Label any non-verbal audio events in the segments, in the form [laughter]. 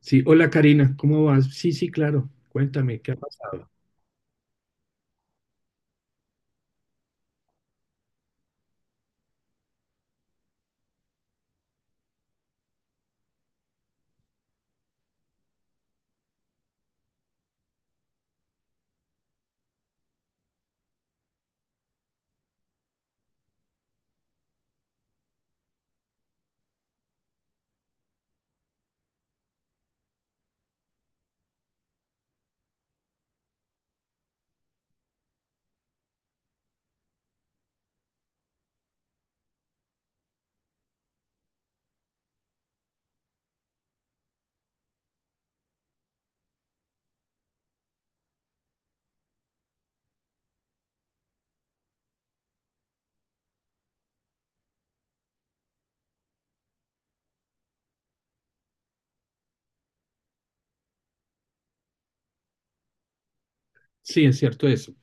Sí, hola Karina, ¿cómo vas? Sí, sí, claro, cuéntame, ¿qué ha pasado? Sí, es cierto eso.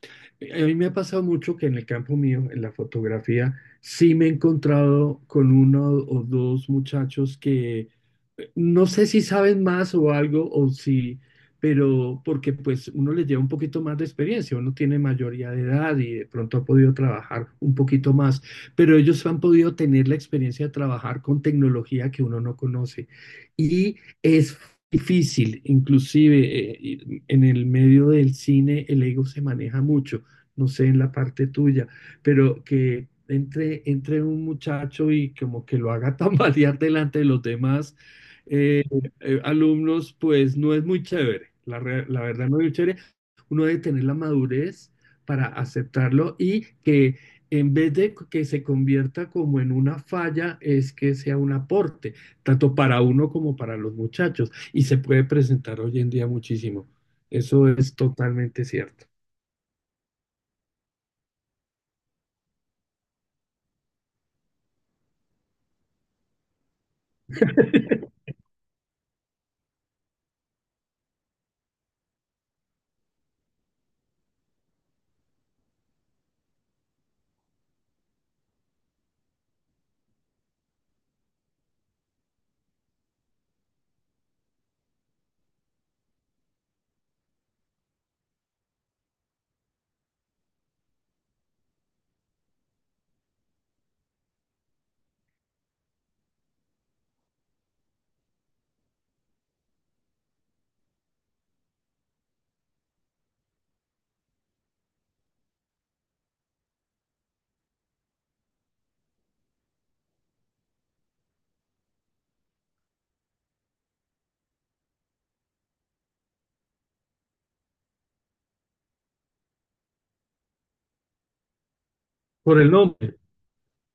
A mí me ha pasado mucho que en el campo mío, en la fotografía, sí me he encontrado con uno o dos muchachos que no sé si saben más o algo o si, pero porque pues uno les lleva un poquito más de experiencia, uno tiene mayoría de edad y de pronto ha podido trabajar un poquito más, pero ellos han podido tener la experiencia de trabajar con tecnología que uno no conoce. Y... Es difícil, inclusive en el medio del cine el ego se maneja mucho, no sé en la parte tuya, pero que entre un muchacho y como que lo haga tambalear [laughs] delante de los demás eh, alumnos, pues no es muy chévere, la verdad no es muy chévere, uno debe tener la madurez para aceptarlo y que en vez de que se convierta como en una falla, es que sea un aporte, tanto para uno como para los muchachos y se puede presentar hoy en día muchísimo. Eso es totalmente cierto. [laughs] Por el nombre.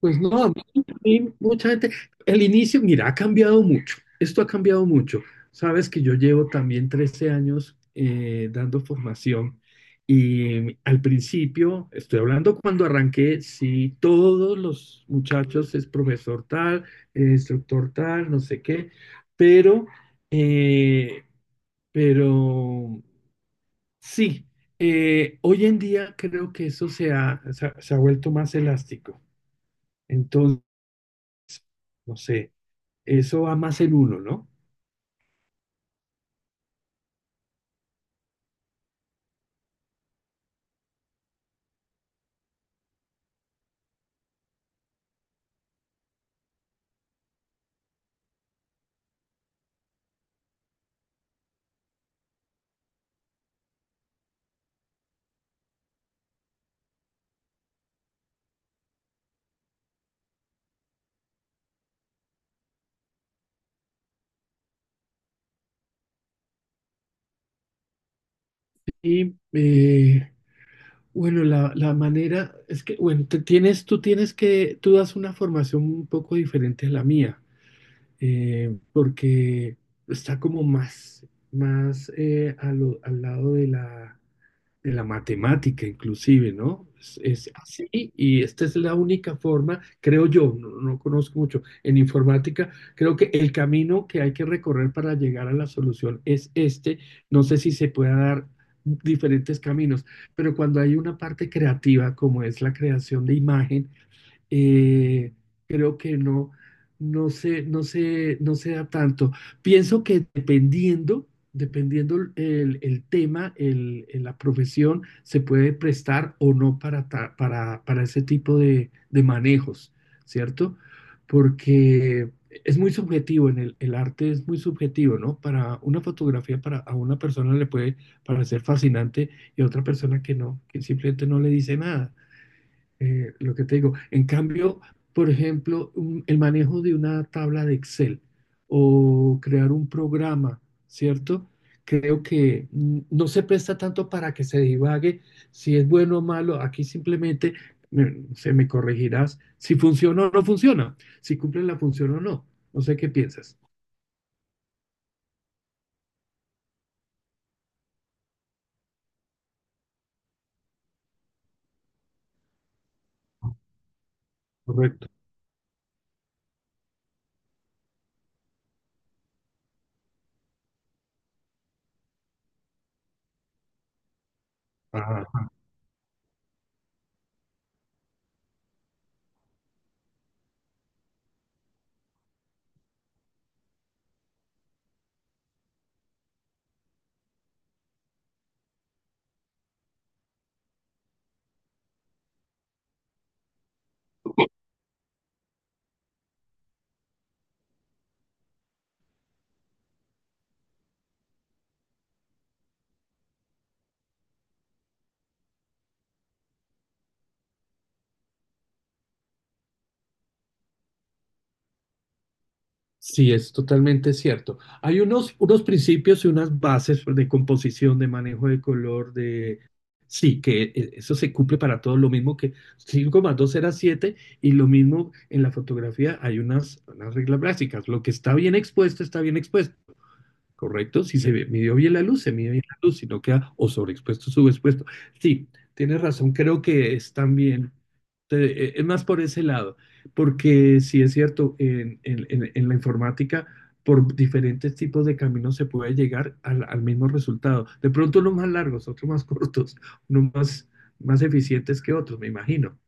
Pues no, a mí mucha gente, el inicio, mira, ha cambiado mucho. Esto ha cambiado mucho. Sabes que yo llevo también 13 años dando formación y al principio, estoy hablando cuando arranqué, sí, todos los muchachos es profesor tal, instructor tal, no sé qué, pero, eh, pero sí, hoy en día creo que eso se ha vuelto más elástico. Entonces, no sé, eso va más en uno, ¿no? Y bueno, la manera es que, bueno, tú tienes que, tú das una formación un poco diferente a la mía, porque está como más, más al lado de la matemática inclusive, ¿no? Es así y esta es la única forma, creo yo, no, no conozco mucho en informática, creo que el camino que hay que recorrer para llegar a la solución es este. No sé si se pueda dar diferentes caminos, pero cuando hay una parte creativa como es la creación de imagen, eh, creo que no, no se da tanto. Pienso que dependiendo el tema, la profesión, se puede prestar o no para, para ese tipo de manejos, ¿cierto? Porque es muy subjetivo, en el arte es muy subjetivo, ¿no? Para una fotografía, para a una persona le puede parecer fascinante y a otra persona que no, que simplemente no le dice nada, lo que te digo. En cambio, por ejemplo, el manejo de una tabla de Excel o crear un programa, ¿cierto? Creo que no se presta tanto para que se divague si es bueno o malo. Aquí simplemente se me corregirás si funciona o no funciona, si cumple la función o no. No sé qué piensas. Correcto. Ajá. Sí, es totalmente cierto. Hay unos, unos principios y unas bases de composición, de manejo de color, de... Sí, que eso se cumple para todo. Lo mismo que 5 más 2 era 7 y lo mismo en la fotografía hay unas, unas reglas básicas. Lo que está bien expuesto está bien expuesto. ¿Correcto? Si se midió bien la luz, se midió bien la luz, si no queda o sobreexpuesto o subexpuesto. Sí, tienes razón, creo que es también, es más por ese lado, porque sí es cierto, en la informática, por diferentes tipos de caminos se puede llegar al, al mismo resultado. De pronto unos más largos, otros más [laughs] cortos, unos más, más eficientes que otros, me imagino.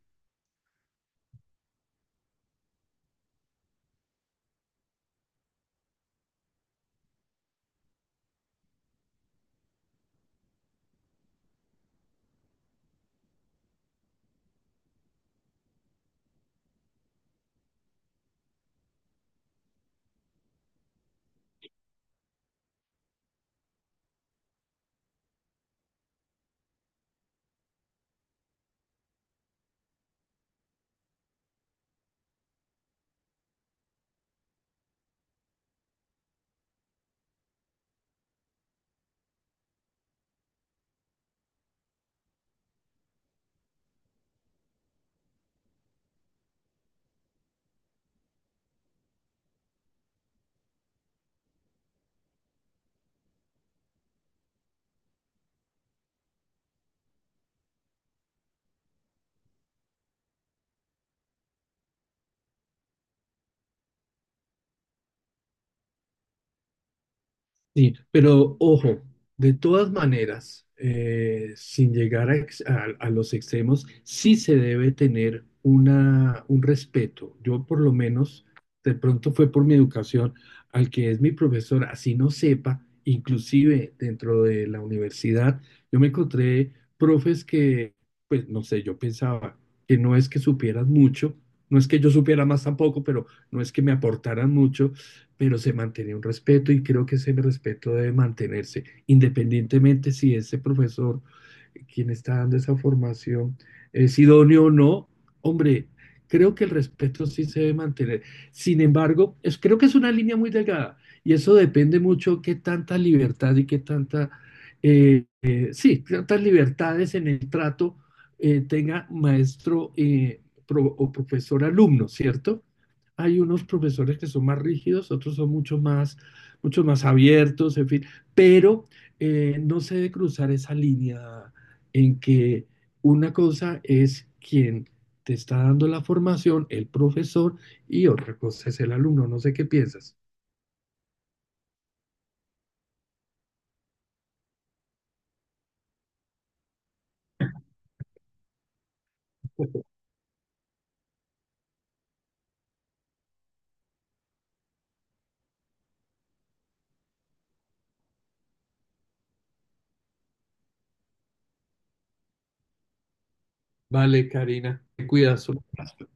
Sí, pero ojo, de todas maneras, sin llegar a, a los extremos, sí se debe tener una, un respeto. Yo por lo menos, de pronto fue por mi educación, al que es mi profesor, así no sepa, inclusive dentro de la universidad, yo me encontré profes que, pues no sé, yo pensaba que no es que supieran mucho, no es que yo supiera más tampoco, pero no es que me aportaran mucho, pero se mantenía un respeto y creo que ese respeto debe mantenerse, independientemente si ese profesor, quien está dando esa formación, es idóneo o no. Hombre, creo que el respeto sí se debe mantener. Sin embargo, es, creo que es una línea muy delgada y eso depende mucho qué tanta libertad y qué tanta, sí, tantas libertades en el trato, tenga maestro o profesor alumno, ¿cierto? Hay unos profesores que son más rígidos, otros son mucho más abiertos, en fin, pero no se debe cruzar esa línea en que una cosa es quien te está dando la formación, el profesor, y otra cosa es el alumno. No sé qué piensas. Vale, Karina, te cuidas. Un abrazo.